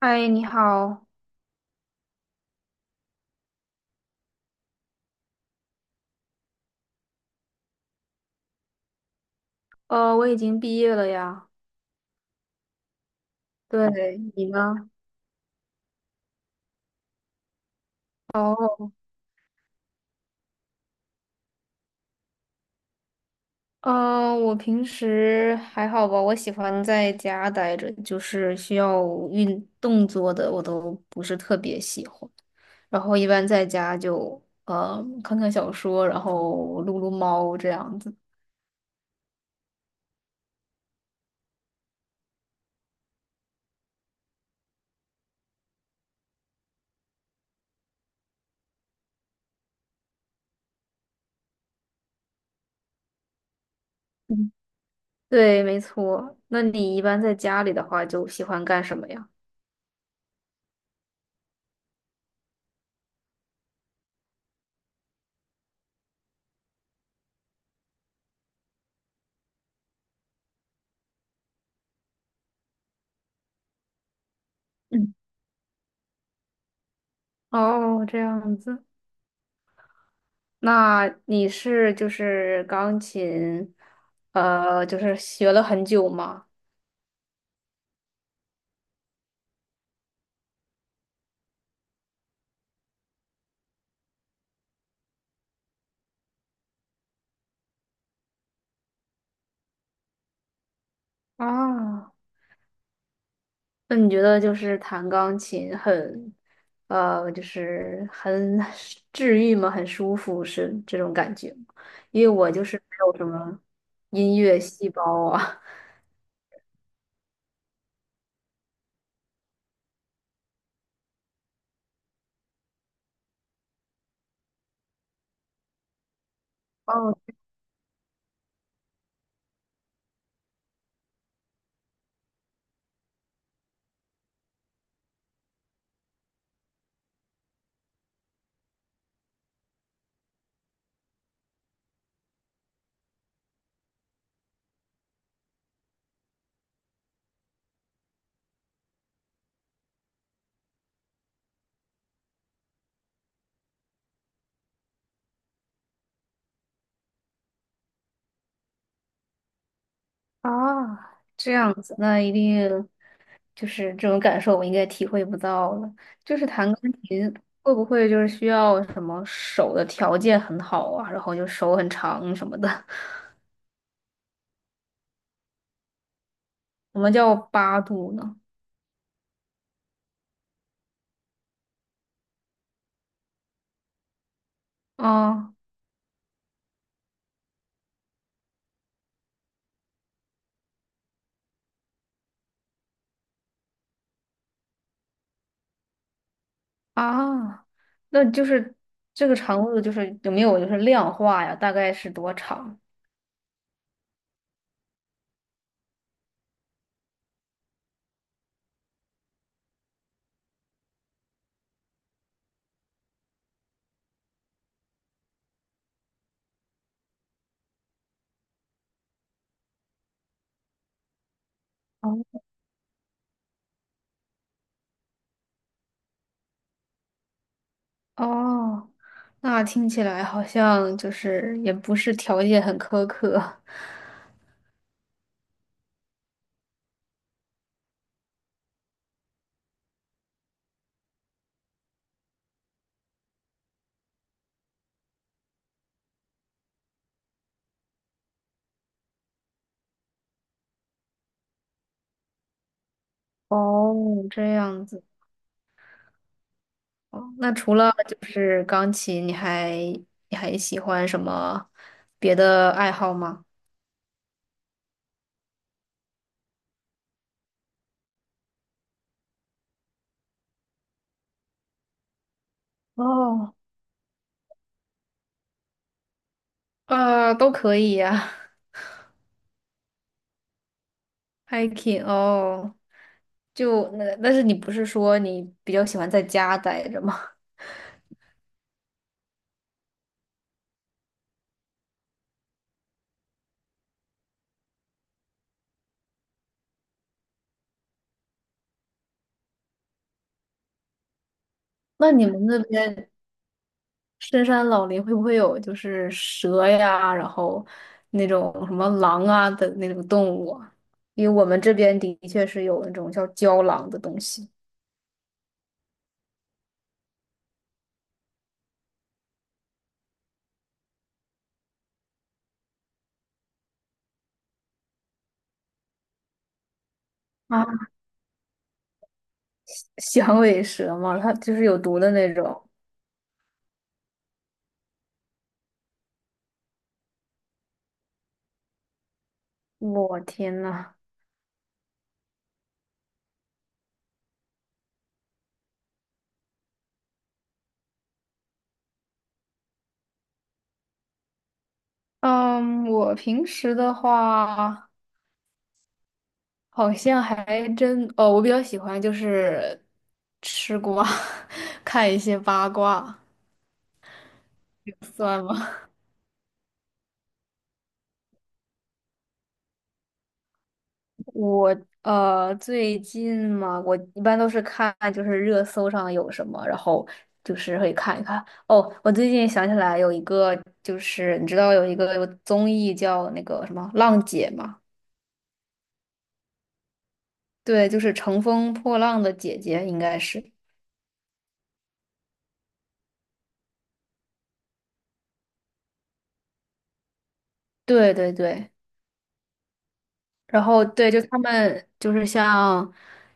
嗨，你好，我已经毕业了呀。对，你呢？哦，嗯，我平时还好吧，我喜欢在家待着，就是需要运动做的，我都不是特别喜欢。然后一般在家就看看小说，然后撸撸猫这样子。嗯，对，没错。那你一般在家里的话，就喜欢干什么呀？嗯，哦，这样子。那你是就是钢琴，就是学了很久吗？啊，那你觉得就是弹钢琴很，就是很治愈吗？很舒服是这种感觉吗？因为我就是没有什么音乐细胞啊。哦。啊，这样子，那一定就是这种感受，我应该体会不到了。就是弹钢琴会不会就是需要什么手的条件很好啊，然后就手很长什么的？我们叫八度呢？啊啊，那就是这个长度就是有没有就是量化呀？大概是多长？哦哦，那听起来好像就是也不是条件很苛刻。哦，这样子。哦，那除了就是钢琴，你还你还喜欢什么别的爱好吗？哦，都可以呀，hiking 哦，就那，但是你不是说你比较喜欢在家待着吗？那你们那边深山老林会不会有就是蛇呀，然后那种什么狼啊的那种动物啊，因为我们这边的确是有那种叫郊狼的东西。啊，响尾蛇嘛，它就是有毒的那种。我天呐，嗯，我平时的话，好像还真，哦，我比较喜欢就是吃瓜，看一些八卦，算吗？我最近嘛，我一般都是看就是热搜上有什么，然后就是会看一看。哦，我最近想起来有一个，就是你知道有一个有综艺叫那个什么《浪姐》嘛？对，就是乘风破浪的姐姐，应该是。对对对。然后对，就他们就是像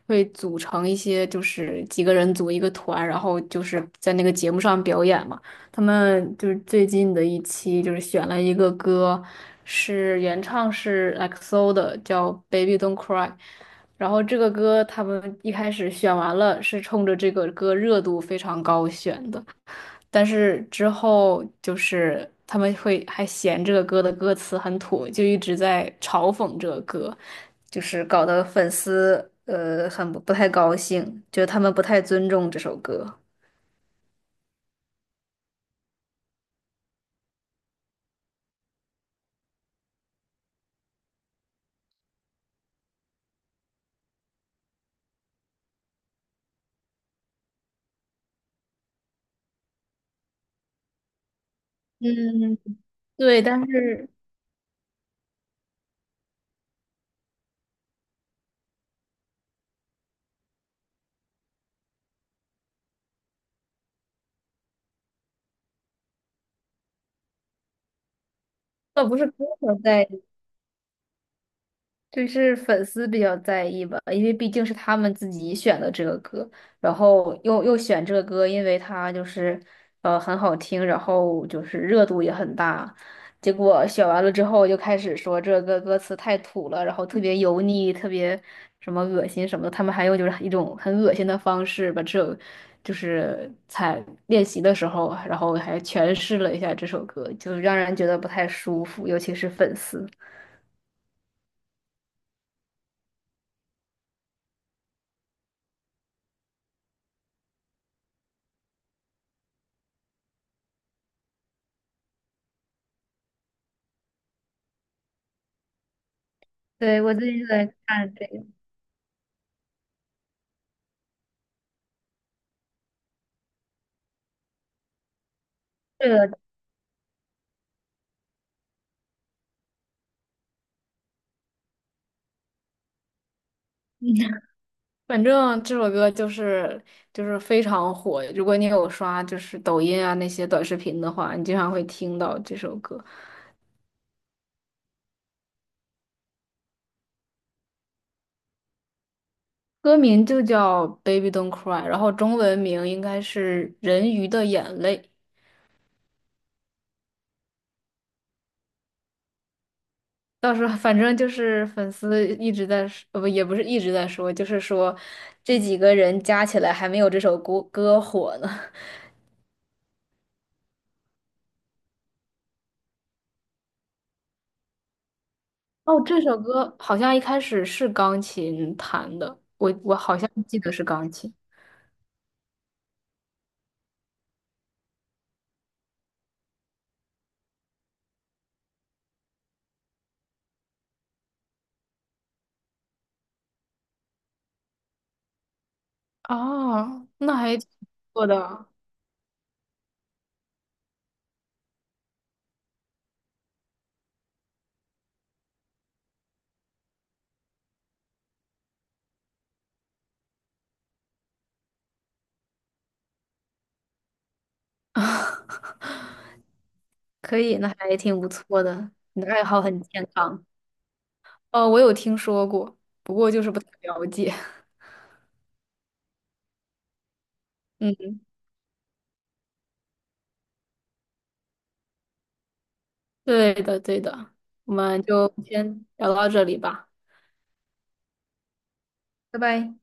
会组成一些，就是几个人组一个团，然后就是在那个节目上表演嘛。他们就是最近的一期就是选了一个歌，是原唱是 EXO 的，叫《Baby Don't Cry》。然后这个歌他们一开始选完了，是冲着这个歌热度非常高选的。但是之后就是他们会还嫌这个歌的歌词很土，就一直在嘲讽这个歌，就是搞得粉丝很不太高兴，觉得他们不太尊重这首歌。嗯，对，但是倒不是歌手在，就是粉丝比较在意吧，因为毕竟是他们自己选的这个歌，然后又选这个歌，因为它就是很好听，然后就是热度也很大。结果选完了之后，就开始说这个歌词太土了，然后特别油腻，特别什么恶心什么的。他们还用就是一种很恶心的方式把这首就是在练习的时候，然后还诠释了一下这首歌，就让人觉得不太舒服，尤其是粉丝。对，我最近在看这。这个 反正这首歌就是就是非常火。如果你有刷就是抖音啊那些短视频的话，你经常会听到这首歌。歌名就叫《Baby Don't Cry》，然后中文名应该是《人鱼的眼泪》。到时候反正就是粉丝一直在说，不，也不是一直在说，就是说这几个人加起来还没有这首歌歌火呢。哦，这首歌好像一开始是钢琴弹的，我好像记得是钢琴。哦，那还挺不错的。可以，那还挺不错的。你的爱好很健康。哦，我有听说过，不过就是不太了解。嗯，对的，对的。我们就先聊到这里吧，拜拜。